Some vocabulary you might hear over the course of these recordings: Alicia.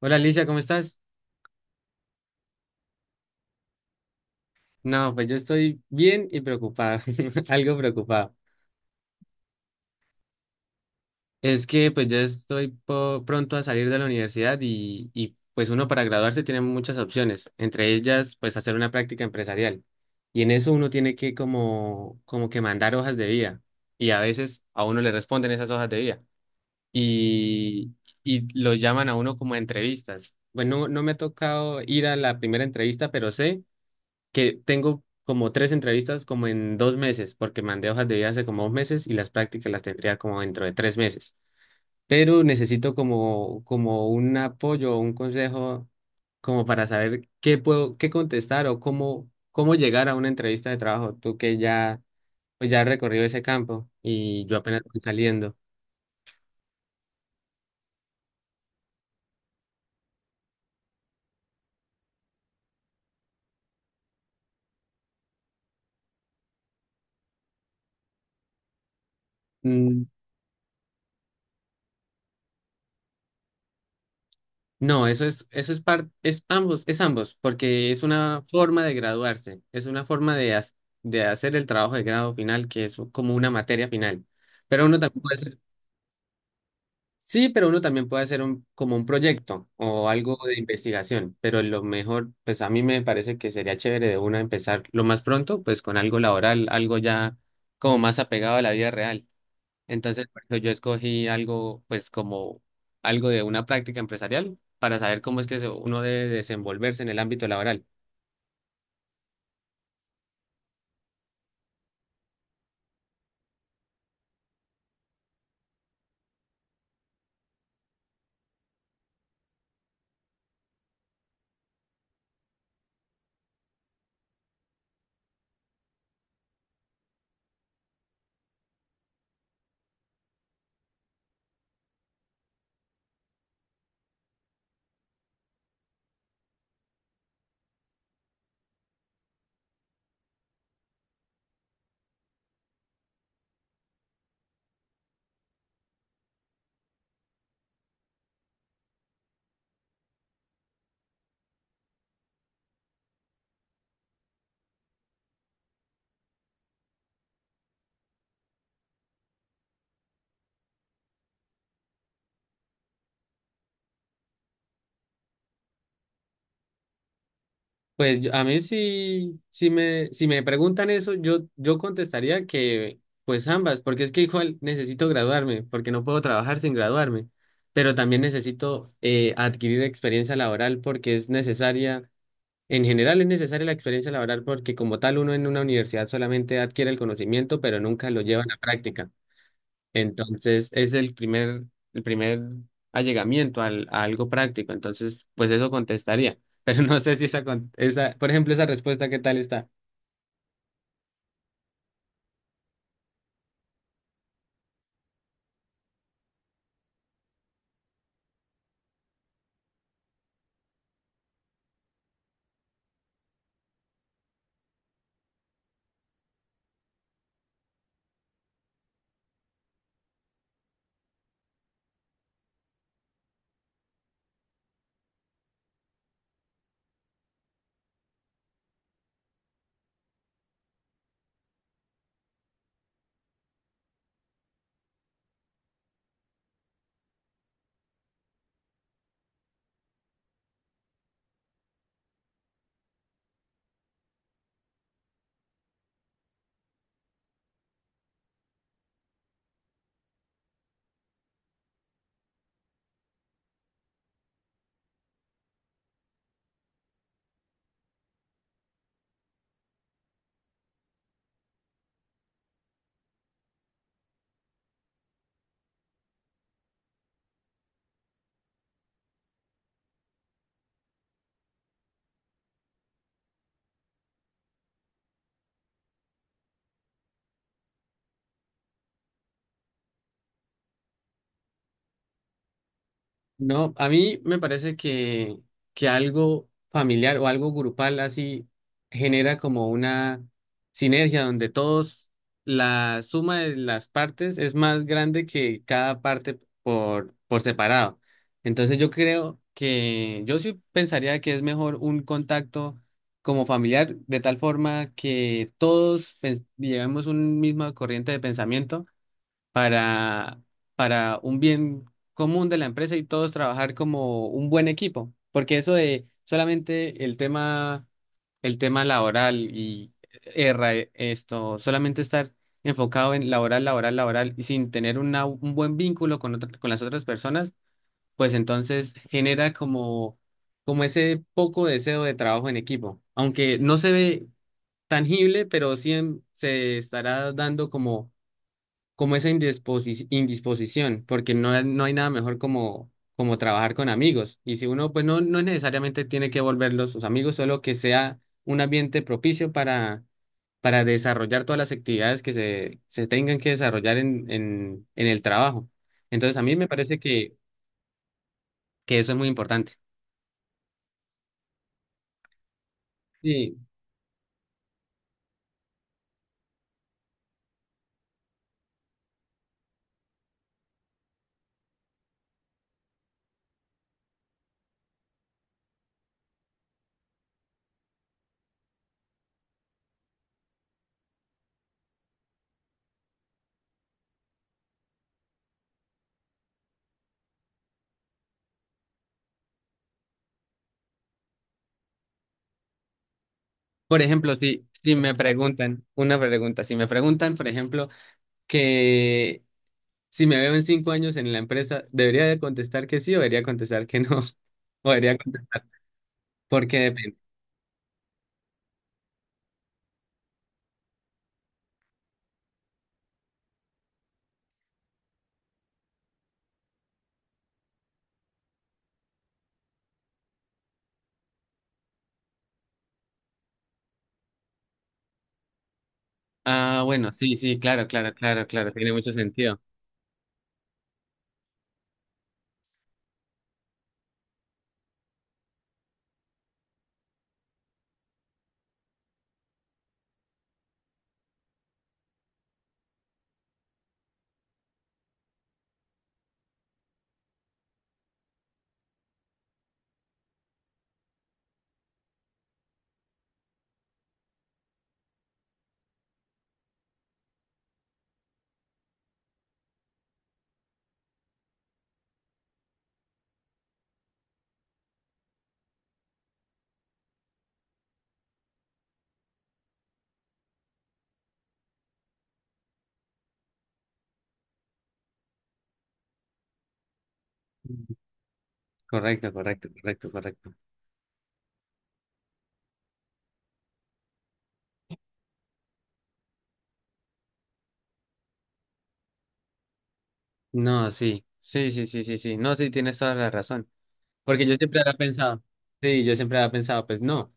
Hola Alicia, ¿cómo estás? No, pues yo estoy bien y preocupado, algo preocupado. Es que pues yo estoy pronto a salir de la universidad y pues uno para graduarse tiene muchas opciones, entre ellas pues hacer una práctica empresarial. Y en eso uno tiene que como que mandar hojas de vida y a veces a uno le responden esas hojas de vida y, y lo llaman a uno como a entrevistas. Pues no, no me ha tocado ir a la primera entrevista, pero sé que tengo como tres entrevistas como en 2 meses, porque mandé hojas de vida hace como 2 meses y las prácticas las tendría como dentro de 3 meses. Pero necesito como un apoyo o un consejo como para saber qué puedo, qué contestar o cómo llegar a una entrevista de trabajo. Tú que ya has recorrido ese campo y yo apenas estoy saliendo. Mm. No, eso es es ambos, porque es una forma de graduarse, es una forma de hacer el trabajo de grado final, que es como una materia final. Pero uno también puede hacer, sí, pero uno también puede hacer un, como un proyecto o algo de investigación. Pero lo mejor, pues a mí me parece que sería chévere de una empezar lo más pronto, pues con algo laboral, algo ya como más apegado a la vida real. Entonces, por eso yo escogí algo, pues como algo de una práctica empresarial para saber cómo es que uno debe desenvolverse en el ámbito laboral. Pues a mí sí, si me preguntan eso, yo contestaría que pues ambas, porque es que igual necesito graduarme, porque no puedo trabajar sin graduarme, pero también necesito adquirir experiencia laboral porque es necesaria, en general es necesaria la experiencia laboral porque como tal uno en una universidad solamente adquiere el conocimiento, pero nunca lo lleva a la práctica. Entonces, es el primer allegamiento al, a algo práctico. Entonces, pues eso contestaría. Pero no sé si esa, por ejemplo, esa respuesta, ¿qué tal está? No, a mí me parece que algo familiar o algo grupal así genera como una sinergia donde todos, la suma de las partes es más grande que cada parte por separado. Entonces yo creo que yo sí pensaría que es mejor un contacto como familiar de tal forma que todos pues, llevemos una misma corriente de pensamiento para, para un bien común de la empresa y todos trabajar como un buen equipo, porque eso de solamente el tema laboral y erra esto, solamente estar enfocado en laboral, laboral, laboral y sin tener una, un buen vínculo con con las otras personas, pues entonces genera como ese poco deseo de trabajo en equipo, aunque no se ve tangible, pero sí se estará dando como esa indisposición, porque no, no hay nada mejor como trabajar con amigos. Y si uno, pues no, no necesariamente tiene que volverlos sus amigos, solo que sea un ambiente propicio para desarrollar todas las actividades que se tengan que desarrollar en el trabajo. Entonces, a mí me parece que eso es muy importante. Sí, por ejemplo, si me preguntan, una pregunta, si me preguntan, por ejemplo, que si me veo en 5 años en la empresa, ¿debería de contestar que sí o debería contestar que no? Podría, porque depende. Ah, bueno, sí, sí, claro, claro, claro, claro, tiene mucho sentido. Correcto, correcto, correcto, correcto. No, sí, sí, sí, sí, sí, sí. No, sí, tienes toda la razón. Porque yo siempre había pensado, sí, yo siempre había pensado, pues no,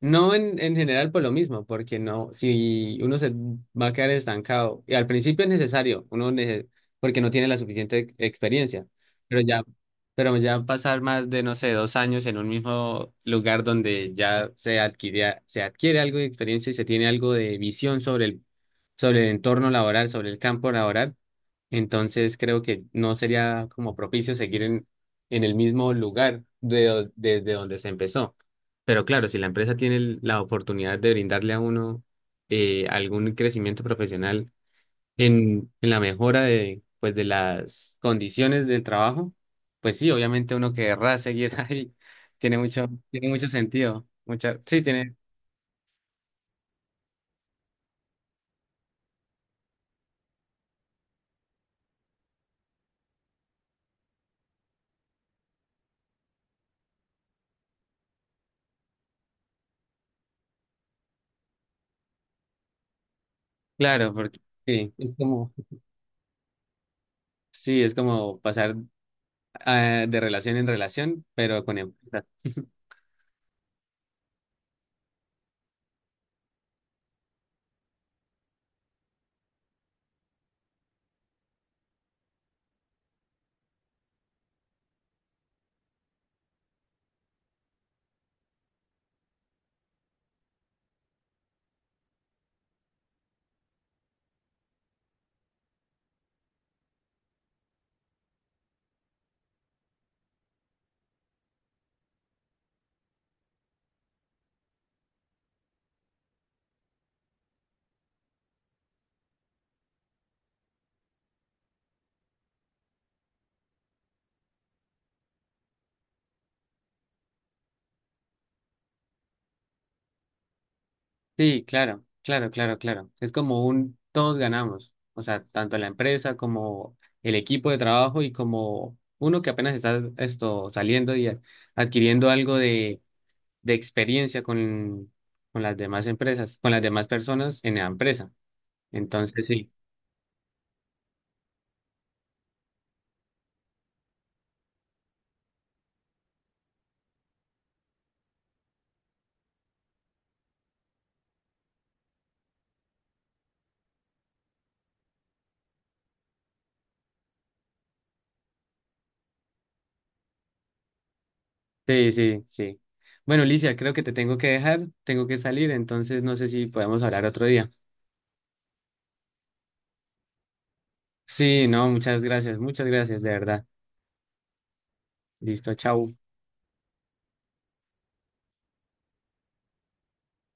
no en, en general por lo mismo, porque no, si uno se va a quedar estancado, y al principio es necesario, porque no tiene la suficiente experiencia, pero ya, pero ya pasar más de, no sé, 2 años en un mismo lugar donde ya se adquiría, se adquiere algo de experiencia y se tiene algo de visión sobre el entorno laboral, sobre el campo laboral, entonces creo que no sería como propicio seguir en el mismo lugar de, desde donde se empezó. Pero claro, si la empresa tiene la oportunidad de brindarle a uno algún crecimiento profesional en la mejora de las condiciones del trabajo, pues sí, obviamente uno querrá seguir ahí. Tiene mucho sentido. Mucha, sí, tiene, claro, porque sí, es como, sí, es como pasar ah, de relación en relación, pero con empresas. Sí, claro, claro, claro, claro. Es como un todos ganamos, o sea, tanto la empresa como el equipo de trabajo y como uno que apenas está esto saliendo y adquiriendo algo de experiencia con las demás empresas, con las demás personas en la empresa. Entonces, sí, sí, sí, sí. Bueno, Licia, creo que te tengo que dejar, tengo que salir, entonces no sé si podemos hablar otro día. Sí, no, muchas gracias, de verdad. Listo, chao.